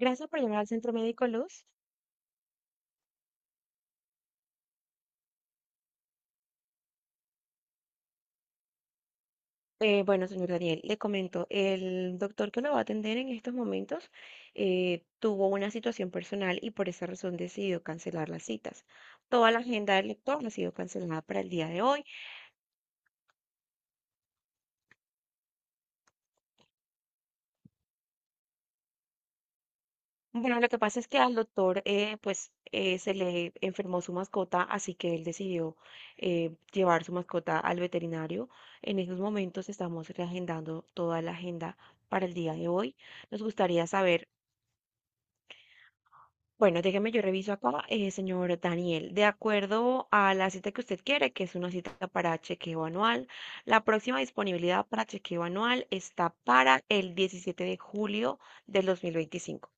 Gracias por llamar al Centro Médico Luz. Bueno, señor Daniel, le comento, el doctor que lo va a atender en estos momentos tuvo una situación personal y por esa razón decidió cancelar las citas. Toda la agenda del doctor ha sido cancelada para el día de hoy. Bueno, lo que pasa es que al doctor pues se le enfermó su mascota, así que él decidió llevar su mascota al veterinario. En estos momentos estamos reagendando toda la agenda para el día de hoy. Nos gustaría saber. Bueno, déjeme, yo reviso acá, señor Daniel. De acuerdo a la cita que usted quiere, que es una cita para chequeo anual, la próxima disponibilidad para chequeo anual está para el 17 de julio del 2025.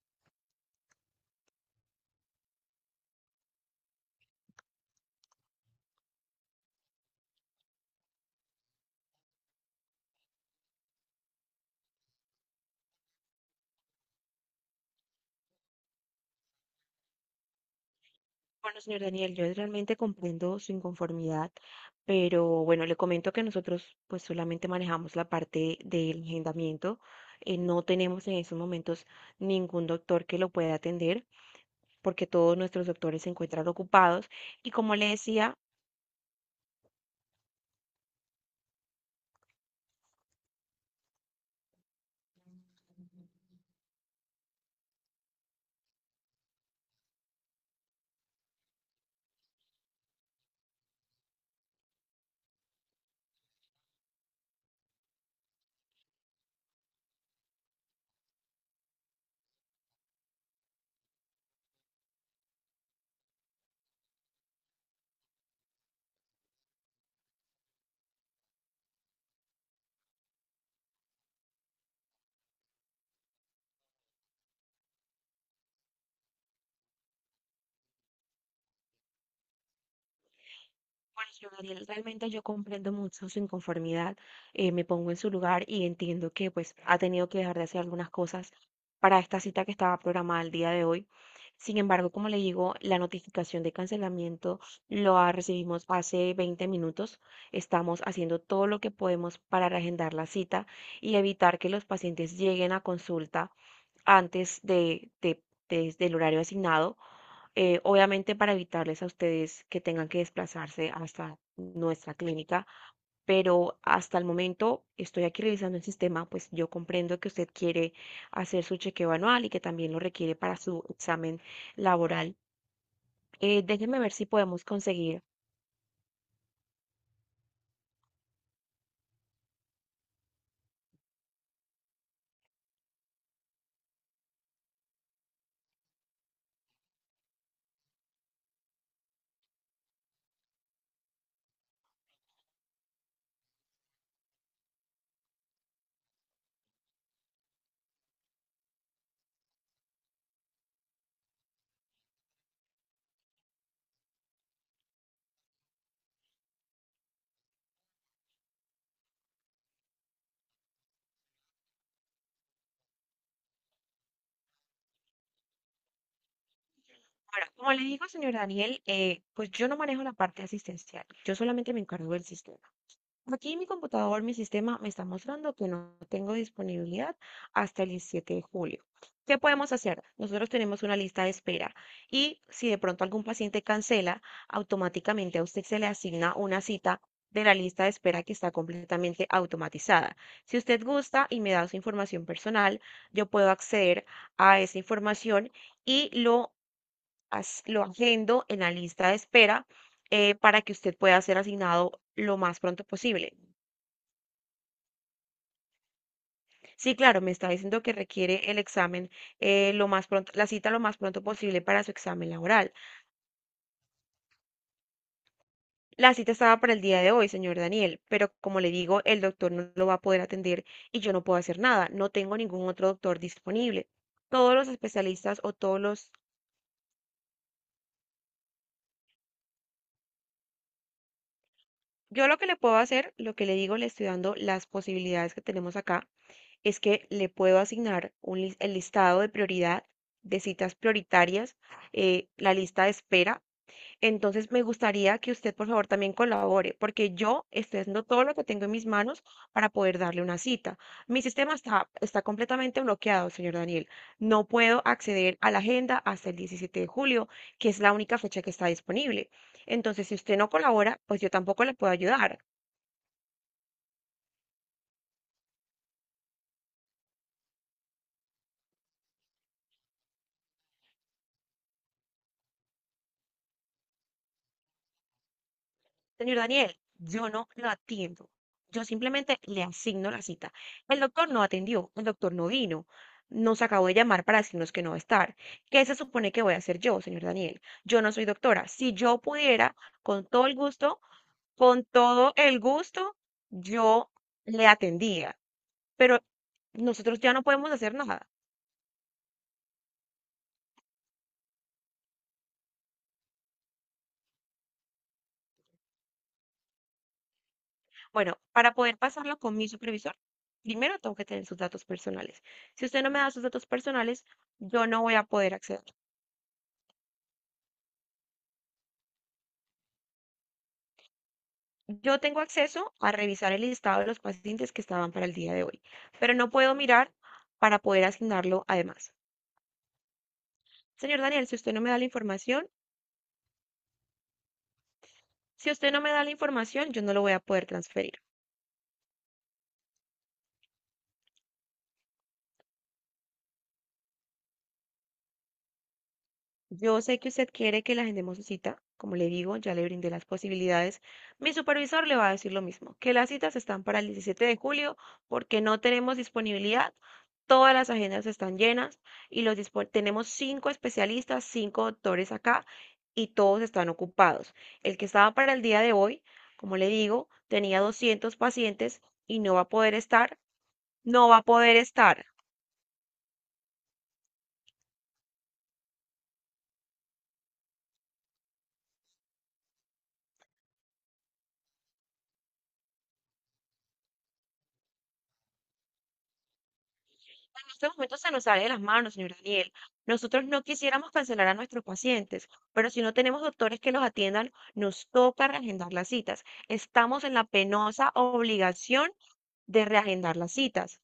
Bueno, señor Daniel, yo realmente comprendo su inconformidad, pero bueno, le comento que nosotros pues solamente manejamos la parte del agendamiento. No tenemos en estos momentos ningún doctor que lo pueda atender porque todos nuestros doctores se encuentran ocupados. Y como le decía. Bueno, yo, Daniel, realmente yo comprendo mucho su inconformidad, me pongo en su lugar y entiendo que pues ha tenido que dejar de hacer algunas cosas para esta cita que estaba programada el día de hoy. Sin embargo, como le digo, la notificación de cancelamiento lo ha recibimos hace 20 minutos. Estamos haciendo todo lo que podemos para reagendar la cita y evitar que los pacientes lleguen a consulta antes del horario asignado, obviamente para evitarles a ustedes que tengan que desplazarse hasta nuestra clínica, pero hasta el momento estoy aquí revisando el sistema, pues yo comprendo que usted quiere hacer su chequeo anual y que también lo requiere para su examen laboral. Déjeme ver si podemos conseguir. Ahora, como le digo, señor Daniel, pues yo no manejo la parte asistencial, yo solamente me encargo del sistema. Aquí mi computador, mi sistema me está mostrando que no tengo disponibilidad hasta el 17 de julio. ¿Qué podemos hacer? Nosotros tenemos una lista de espera y si de pronto algún paciente cancela, automáticamente a usted se le asigna una cita de la lista de espera que está completamente automatizada. Si usted gusta y me da su información personal, yo puedo acceder a esa información y lo, lo agendo en la lista de espera para que usted pueda ser asignado lo más pronto posible. Sí, claro, me está diciendo que requiere el examen lo más pronto, la cita lo más pronto posible para su examen laboral. La cita estaba para el día de hoy, señor Daniel, pero como le digo, el doctor no lo va a poder atender y yo no puedo hacer nada. No tengo ningún otro doctor disponible. Todos los especialistas o todos los... Yo lo que le puedo hacer, lo que le digo, le estoy dando las posibilidades que tenemos acá, es que le puedo asignar el listado de prioridad de citas prioritarias, la lista de espera. Entonces, me gustaría que usted, por favor, también colabore, porque yo estoy haciendo todo lo que tengo en mis manos para poder darle una cita. Mi sistema está completamente bloqueado, señor Daniel. No puedo acceder a la agenda hasta el 17 de julio, que es la única fecha que está disponible. Entonces, si usted no colabora, pues yo tampoco le puedo ayudar. Señor Daniel, yo no lo atiendo. Yo simplemente le asigno la cita. El doctor no atendió, el doctor no vino. Nos acabó de llamar para decirnos que no va a estar. ¿Qué se supone que voy a hacer yo, señor Daniel? Yo no soy doctora. Si yo pudiera, con todo el gusto, con todo el gusto, yo le atendía. Pero nosotros ya no podemos hacer nada. Bueno, para poder pasarlo con mi supervisor, primero tengo que tener sus datos personales. Si usted no me da sus datos personales, yo no voy a poder acceder. Yo tengo acceso a revisar el listado de los pacientes que estaban para el día de hoy, pero no puedo mirar para poder asignarlo además. Señor Daniel, si usted no me da la información, si usted no me da la información, yo no lo voy a poder transferir. Yo sé que usted quiere que la agendemos su cita, como le digo, ya le brindé las posibilidades. Mi supervisor le va a decir lo mismo, que las citas están para el 17 de julio porque no tenemos disponibilidad, todas las agendas están llenas y tenemos cinco especialistas, cinco doctores acá y todos están ocupados. El que estaba para el día de hoy, como le digo, tenía 200 pacientes y no va a poder estar, no va a poder estar. Este momento se nos sale de las manos, señor Daniel. Nosotros no quisiéramos cancelar a nuestros pacientes, pero si no tenemos doctores que los atiendan, nos toca reagendar las citas. Estamos en la penosa obligación de reagendar las citas.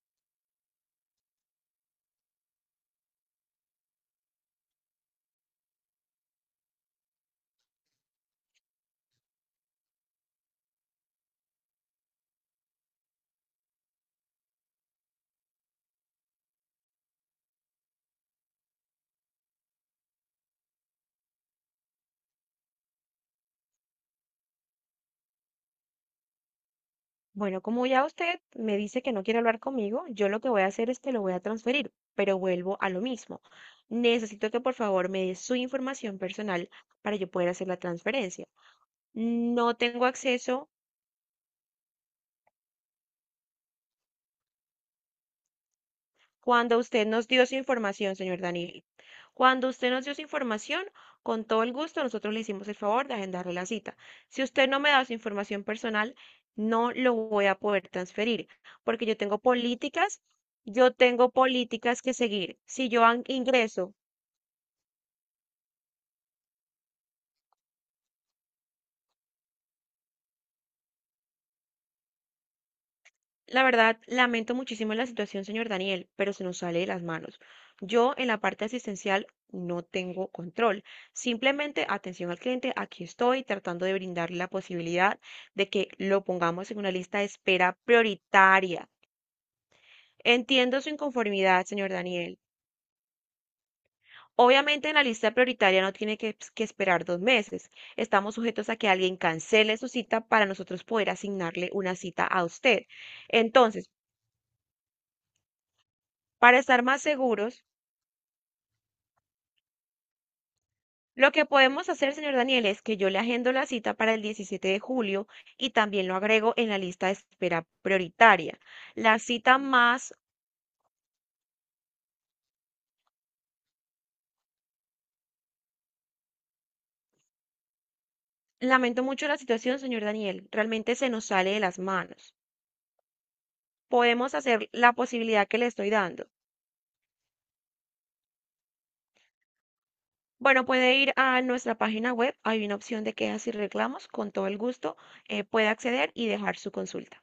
Bueno, como ya usted me dice que no quiere hablar conmigo, yo lo que voy a hacer es que lo voy a transferir, pero vuelvo a lo mismo. Necesito que por favor me dé su información personal para yo poder hacer la transferencia. No tengo acceso. Cuando usted nos dio su información, señor Daniel, cuando usted nos dio su información, con todo el gusto nosotros le hicimos el favor de agendarle la cita. Si usted no me da su información personal, no lo voy a poder transferir, porque yo tengo políticas que seguir. Si yo ingreso. La verdad, lamento muchísimo la situación, señor Daniel, pero se nos sale de las manos. Yo en la parte asistencial no tengo control. Simplemente atención al cliente, aquí estoy tratando de brindarle la posibilidad de que lo pongamos en una lista de espera prioritaria. Entiendo su inconformidad, señor Daniel. Obviamente en la lista prioritaria no tiene que esperar 2 meses. Estamos sujetos a que alguien cancele su cita para nosotros poder asignarle una cita a usted. Entonces, para estar más seguros, lo que podemos hacer, señor Daniel, es que yo le agendo la cita para el 17 de julio y también lo agrego en la lista de espera prioritaria. La cita más, lamento mucho la situación, señor Daniel, realmente se nos sale de las manos. Podemos hacer la posibilidad que le estoy dando. Bueno, puede ir a nuestra página web, hay una opción de quejas y reclamos, con todo el gusto, puede acceder y dejar su consulta.